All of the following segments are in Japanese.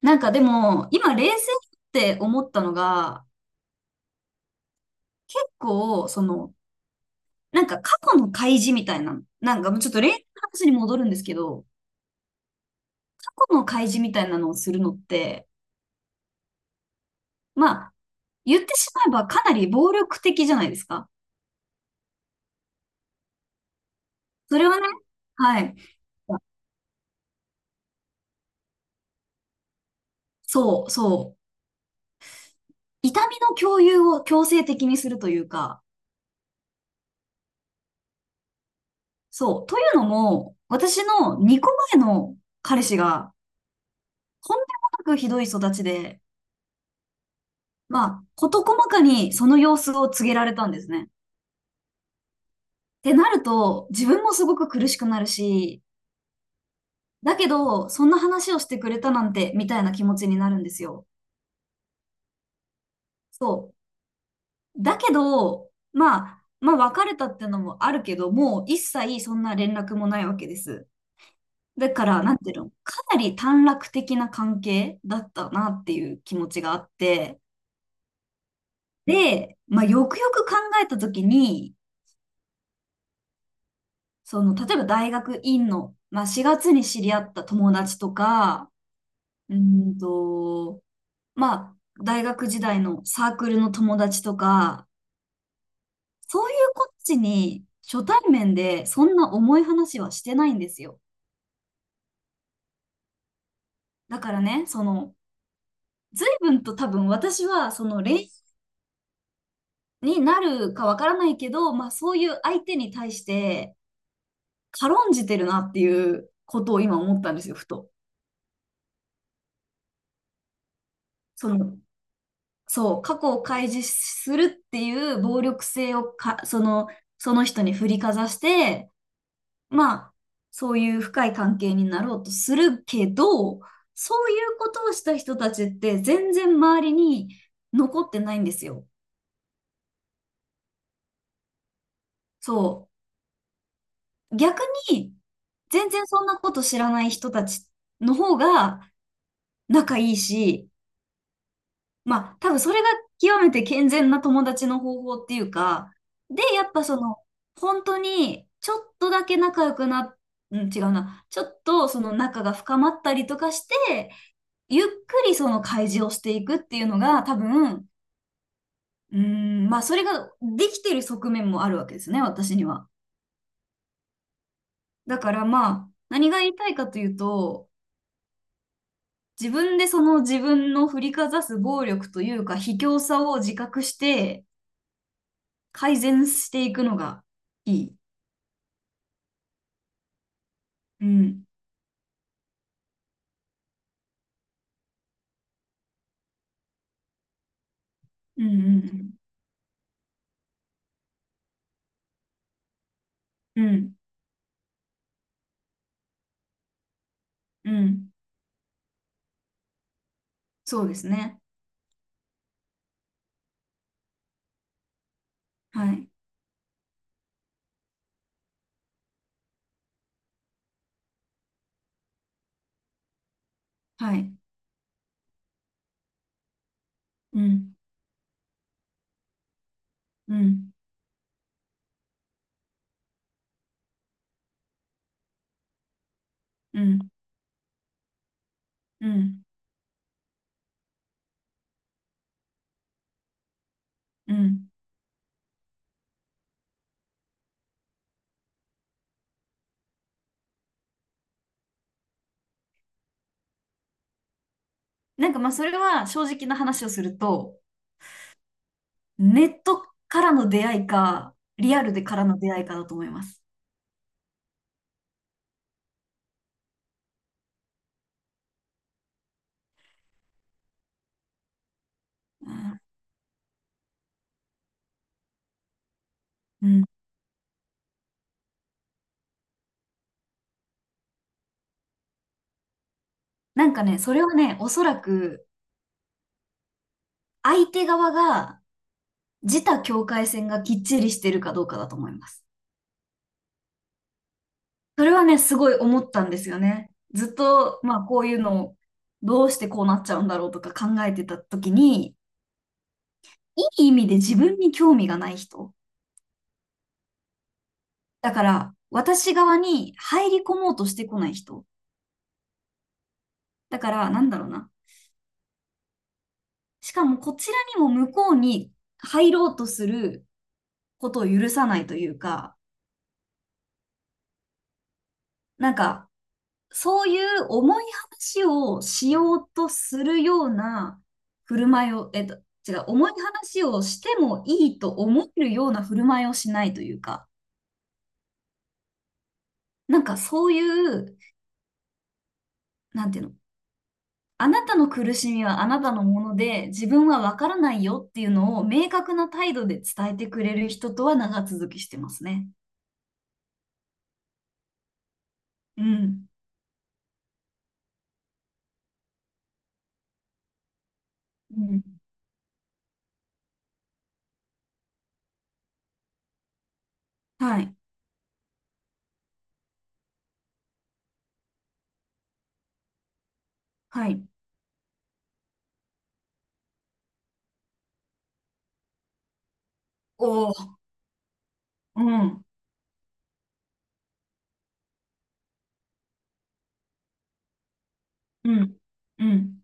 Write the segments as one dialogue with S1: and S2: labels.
S1: なんかでも、今冷静って思ったのが、結構、なんか過去の開示みたいな、なんかもうちょっと冷静の話に戻るんですけど、過去の開示みたいなのをするのって、まあ、言ってしまえばかなり暴力的じゃないですか。それはね、はい。そう、そう。痛みの共有を強制的にするというか、そう。というのも、私の2個前の彼氏が、とんでもなくひどい育ちで、まあ、事細かにその様子を告げられたんですね。ってなると、自分もすごく苦しくなるし、だけど、そんな話をしてくれたなんて、みたいな気持ちになるんですよ。だけど、まあ、別れたってのもあるけど、もう一切そんな連絡もないわけです。だから、なんていうの、かなり短絡的な関係だったなっていう気持ちがあって、で、まあ、よくよく考えたときに、その、例えば大学院の、まあ、4月に知り合った友達とか、うーんと、まあ、大学時代のサークルの友達とか、そういうこっちに初対面でそんな重い話はしてないんですよ。だからね、随分と多分私は、恋愛になるかわからないけど、まあ、そういう相手に対して軽んじてるなっていうことを今思ったんですよ、ふと。その、そう、過去を開示するっていう暴力性をか、その人に振りかざして、まあ、そういう深い関係になろうとするけど、そういうことをした人たちって全然周りに残ってないんですよ。そう。逆に、全然そんなこと知らない人たちの方が仲いいし、まあ、多分それが極めて健全な友達の方法っていうか、で、やっぱその、本当に、ちょっとだけ仲良くな、うん、違うな、ちょっとその仲が深まったりとかして、ゆっくりその開示をしていくっていうのが、多分、まあ、それができてる側面もあるわけですね、私には。だからまあ、何が言いたいかというと、自分でその自分の振りかざす暴力というか、卑怯さを自覚して、改善していくのがいい。うん。うんうんうん。うん。うん。そうですね。はい。はい。うん。うん。うん。うん。うん。なんかまあそれは正直な話をすると、ネットからの出会いか、リアルでからの出会いかだと思います。うんなんかね、それはね、おそらく相手側が自他境界線がきっちりしてるかどうかだと思います。それはね、すごい思ったんですよね。ずっと、まあ、こういうのを、どうしてこうなっちゃうんだろうとか考えてた時に、いい意味で自分に興味がない人。だから、私側に入り込もうとしてこない人。だから、なんだろうな。しかも、こちらにも向こうに入ろうとすることを許さないというか、なんか、そういう重い話をしようとするような振る舞いを、えっと、違う、重い話をしてもいいと思えるような振る舞いをしないというか、なんかそういう、なんていうの、あなたの苦しみはあなたのもので、自分はわからないよっていうのを明確な態度で伝えてくれる人とは長続きしてますね。うん。うん。はい。はい。おお。うん。うん。うん。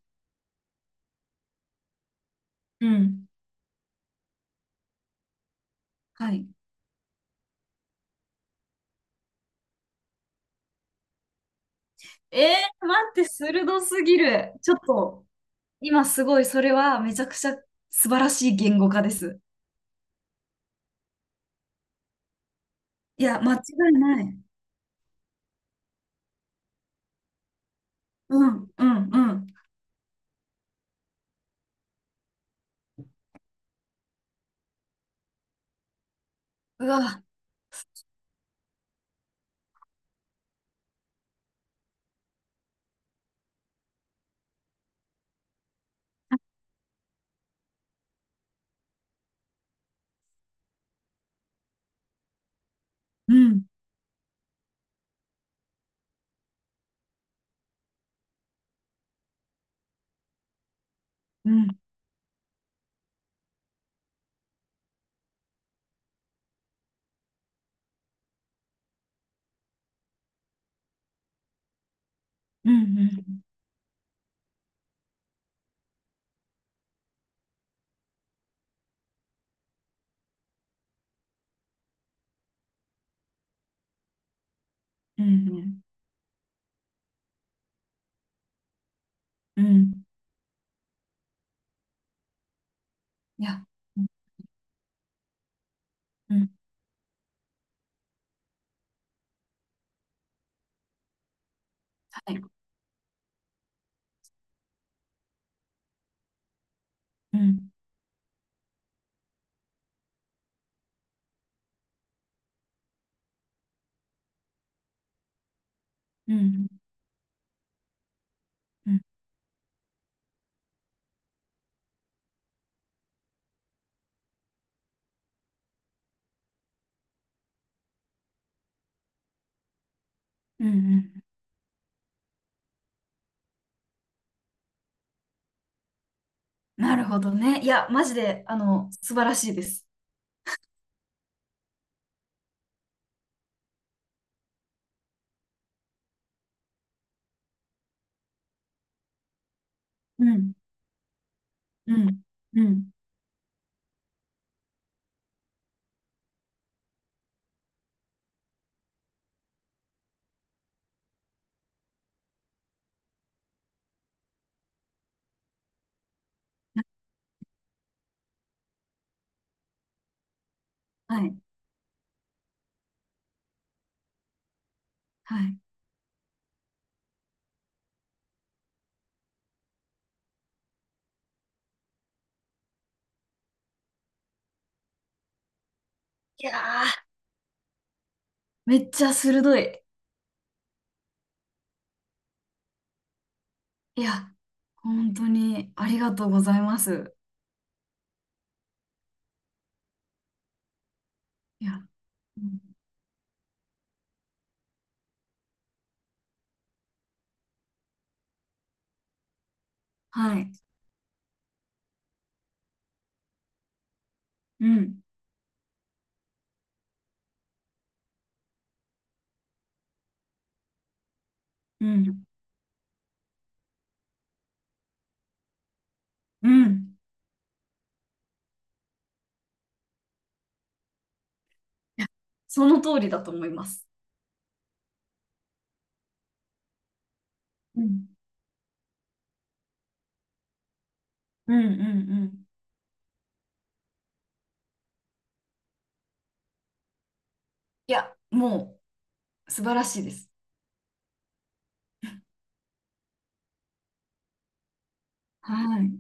S1: うん。はい。え待って、鋭すぎる。ちょっと、今すごい、それはめちゃくちゃ素晴らしい言語化です。いや、間違いない。うん、うん、うん。うわ、うん、うん、うん、うん、うん、うん、うんいや、うん、うんはい、うん、うん、うん、うん、うん。なるほどね。いや、マジで、素晴らしいです。うん、うん、うん、はい、はい。いやー、めっちゃ鋭い。いや、本当にありがとうございます。いや、うんはい。うん、うん、うん。その通りだと思います。うん、うん、うん、うん。いや、もう素晴らしいです。はい。